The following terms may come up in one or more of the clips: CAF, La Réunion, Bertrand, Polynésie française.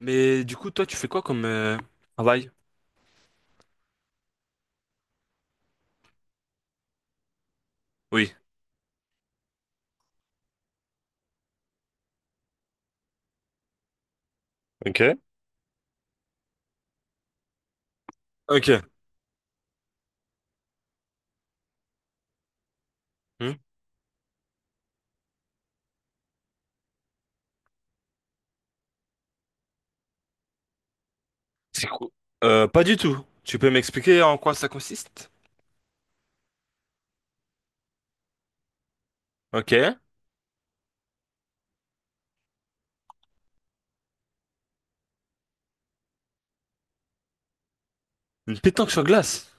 Mais du coup, toi, tu fais quoi comme travail? Oui. Ok. Ok. Hmm. C'est quoi? Pas du tout. Tu peux m'expliquer en quoi ça consiste? Ok. Une pétanque sur glace.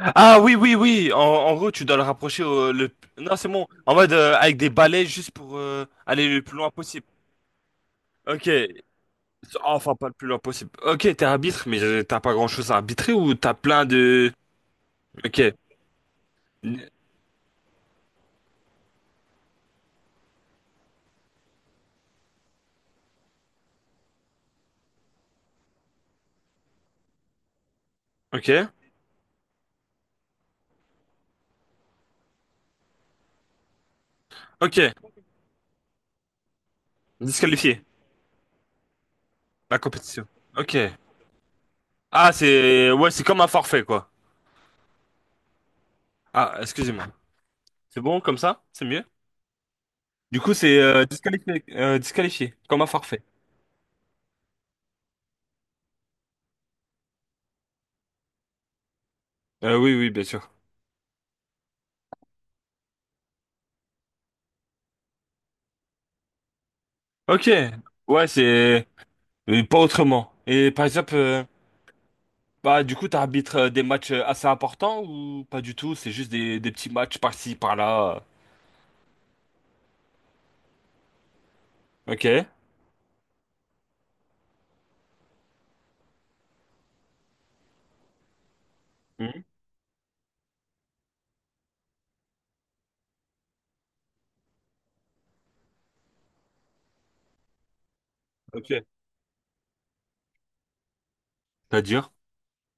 Ah oui, oui, oui. En gros, tu dois le rapprocher au, le… Non, c'est bon. En mode avec des balais juste pour aller le plus loin possible. Ok. Enfin, pas le plus loin possible. Ok, t'es arbitre, mais t'as pas grand-chose à arbitrer ou t'as plein de… Ok. Ok. Ok. Disqualifié. La compétition. Ok. Ah, c'est ouais, c'est comme un forfait quoi. Ah, excusez-moi. C'est bon comme ça? C'est mieux? Du coup, c'est disqualifié, comme un forfait. Oui, oui, bien sûr. Ok. Ouais, c'est pas autrement. Et par exemple, bah du coup, t'arbitres des matchs assez importants ou pas du tout? C'est juste des petits matchs par-ci, par-là. Ok. Mhm. Ok. C'est-à-dire?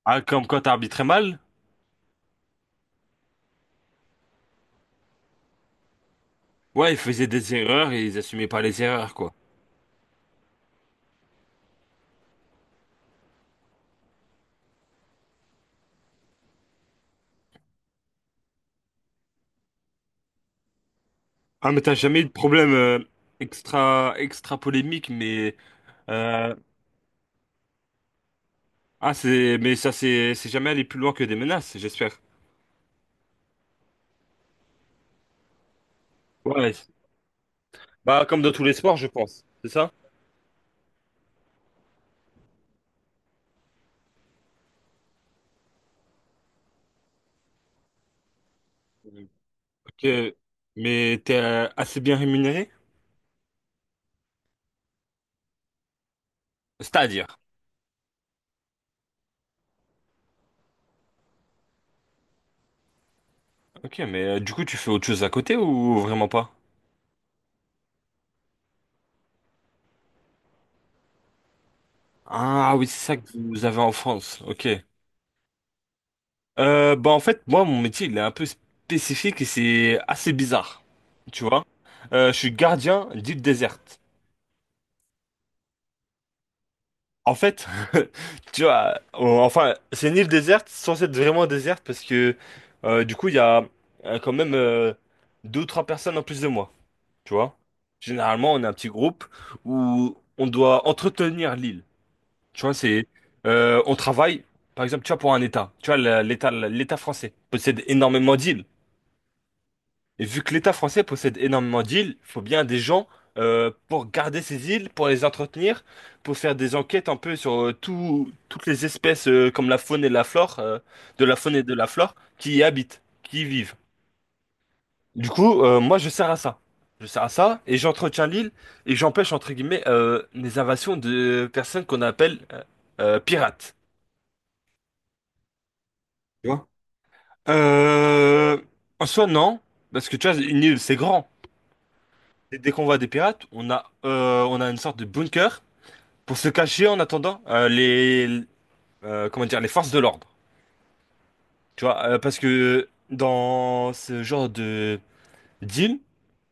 Ah, comme quand t'arbitrais mal? Ouais, ils faisaient des erreurs et ils assumaient pas les erreurs quoi. Ah, mais t'as jamais eu de problème extra polémique, mais Euh, c'est, mais ça, c'est jamais aller plus loin que des menaces, j'espère. Ouais. Bah, comme dans tous les sports, je pense. C'est ça? Ok. Mais t'es assez bien rémunéré? C'est-à-dire. Ok, mais du coup, tu fais autre chose à côté ou vraiment pas? Ah oui, c'est ça que vous avez en France. Ok. Bah en fait, moi, mon métier, il est un peu spécifique et c'est assez bizarre. Tu vois? Je suis gardien d'île déserte. En fait, tu vois, enfin, c'est une île déserte, censée être vraiment déserte, parce que du coup, il y a quand même deux ou trois personnes en plus de moi, tu vois. Généralement, on est un petit groupe où on doit entretenir l'île. Tu vois, on travaille, par exemple, tu vois, pour un État. Tu vois, l'État français possède énormément d'îles. Et vu que l'État français possède énormément d'îles, il faut bien des gens pour garder ces îles, pour les entretenir, pour faire des enquêtes un peu sur toutes les espèces comme la faune et la flore, de la faune et de la flore qui y habitent, qui y vivent. Du coup, moi je sers à ça. Je sers à ça et j'entretiens l'île et j'empêche entre guillemets les invasions de personnes qu'on appelle pirates. Tu vois? Euh, En soi non, parce que tu vois, une île c'est grand. Dès qu'on voit des pirates, on a une sorte de bunker pour se cacher en attendant les, comment dire, les forces de l'ordre. Tu vois, parce que dans ce genre de d'île,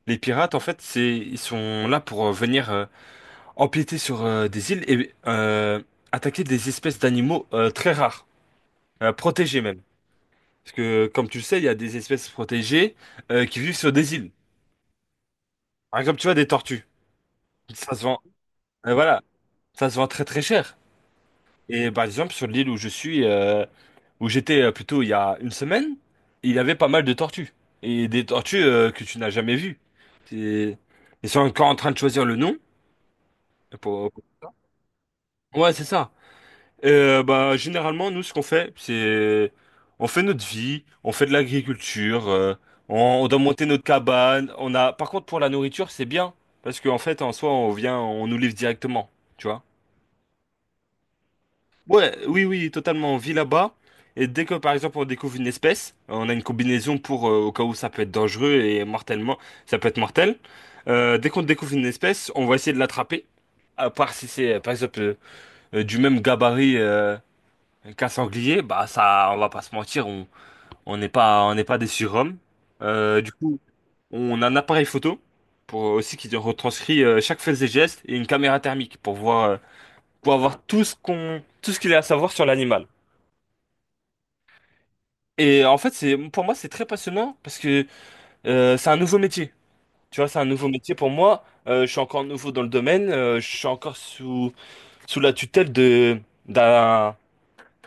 les pirates, en fait, ils sont là pour venir empiéter sur des îles et attaquer des espèces d'animaux très rares, protégés même. Parce que, comme tu le sais, il y a des espèces protégées qui vivent sur des îles. Par exemple, tu vois, des tortues. Ça se vend, voilà, ça se vend très très cher. Et par exemple, sur l'île où je suis, où j'étais plutôt il y a une semaine, il y avait pas mal de tortues. Et des tortues que tu n'as jamais vues. C'est- Ils sont encore en train de choisir le nom. pour- Ouais, c'est ça. Bah, généralement, nous, ce qu'on fait, c'est… On fait notre vie, on fait de l'agriculture, on, on doit monter notre cabane. On a… Par contre, pour la nourriture, c'est bien. Parce qu'en fait, en soi, on vient, on nous livre directement. Tu vois. Ouais, oui, oui, totalement. On vit là-bas. Et dès que, par exemple, on découvre une espèce, on a une combinaison pour, au cas où ça peut être dangereux et mortellement, ça peut être mortel. Dès qu'on découvre une espèce, on va essayer de l'attraper. À part si par exemple, du même gabarit qu'un sanglier, bah ça, on va pas se mentir, on n'est pas des surhommes. Du coup, on a un appareil photo pour aussi qui retranscrit chaque fait et geste et une caméra thermique pour voir, pour avoir tout ce qu'on, tout ce qu'il y a à savoir sur l'animal. Et en fait, c'est pour moi, c'est très passionnant parce que c'est un nouveau métier. Tu vois, c'est un nouveau métier pour moi. Je suis encore nouveau dans le domaine. Je suis encore sous la tutelle d'un,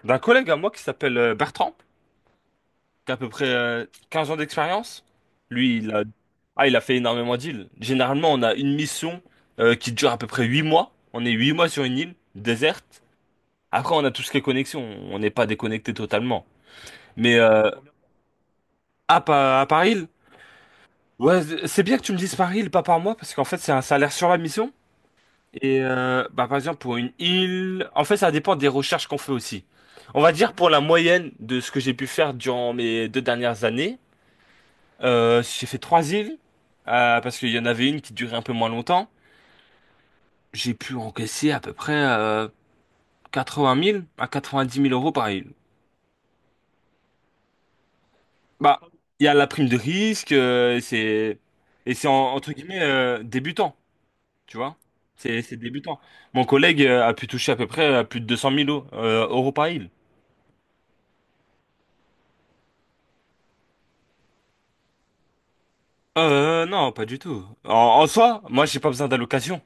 d'un collègue à moi qui s'appelle Bertrand, qui a à peu près 15 ans d'expérience. Lui, il a fait énormément d'îles. Généralement, on a une mission qui dure à peu près 8 mois. On est 8 mois sur une île déserte. Après, on a tout ce qui est connexion. On n'est pas déconnecté totalement. Mais à Paris, ouais, c'est bien que tu me dises par île, pas par mois, parce qu'en fait, c'est un salaire sur la mission. Bah, par exemple, pour une île, en fait, ça dépend des recherches qu'on fait aussi. On va dire pour la moyenne de ce que j'ai pu faire durant mes 2 dernières années, j'ai fait trois îles, parce qu'il y en avait une qui durait un peu moins longtemps. J'ai pu encaisser à peu près 80 000 à 90 000 euros par île. Bah, il y a la prime de risque, c'est entre guillemets débutant. Tu vois? C'est débutant. Mon collègue a pu toucher à peu près à plus de 200 000 euros par île. Non, pas du tout. En soi, moi, j'ai pas besoin d'allocation.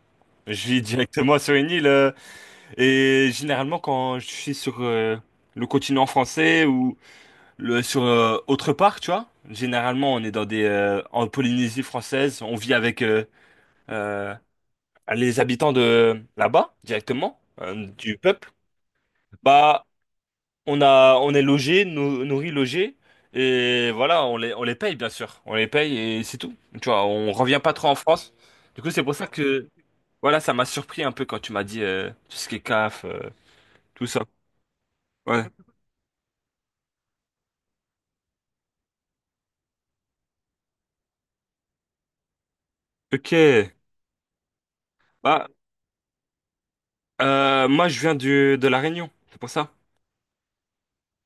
Je vis directement sur une île. Et généralement, quand je suis sur le continent français ou sur autre part, tu vois, généralement, on est dans en Polynésie française, on vit avec euh, les habitants de là-bas, directement, du peuple. Bah, on est logé, nourri, logé, et voilà, on les paye bien sûr, on les paye et c'est tout. Tu vois, on revient pas trop en France. Du coup, c'est pour ça que, voilà, ça m'a surpris un peu quand tu m'as dit tout ce qui est CAF, tout ça. Ouais. Ok. Bah, moi, je viens de La Réunion, c'est pour ça.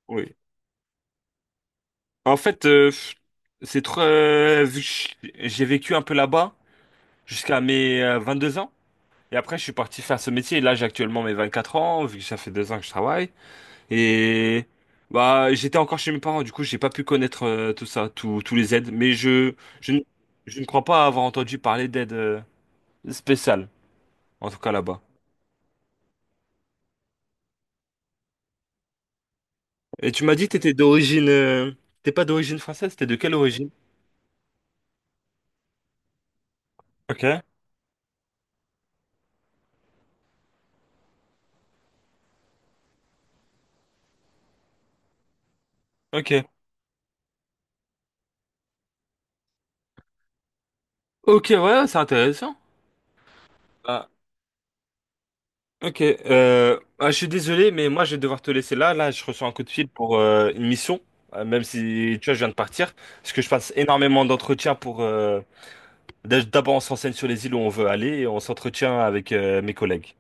Oui. En fait, c'est trop. Vu que j'ai vécu un peu là-bas jusqu'à mes 2 ans. Et après, je suis parti faire ce métier. Et là, j'ai actuellement mes 24 ans, vu que ça fait 2 ans que je travaille. Et bah j'étais encore chez mes parents, du coup j'ai pas pu connaître tout ça, tous les aides. Mais je, ne- je ne crois pas avoir entendu parler d'aide spéciale, en tout cas là-bas. Et tu m'as dit que t'es pas d'origine française, t'es de quelle origine? Ok, ok. Ok, ouais, c'est intéressant. Ah, ok, ah, je suis désolé, mais moi je vais devoir te laisser là. Là, je reçois un coup de fil pour une mission, même si tu vois, je viens de partir, parce que je passe énormément d'entretiens pour D'abord, on s'enseigne sur les îles où on veut aller et on s'entretient avec mes collègues.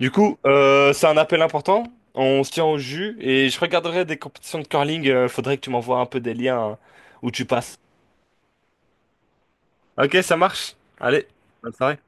Du coup, c'est un appel important. On se tient au jus et je regarderai des compétitions de curling. Faudrait que tu m'envoies un peu des liens hein, où tu passes. Ok, ça marche. Allez, bonne soirée.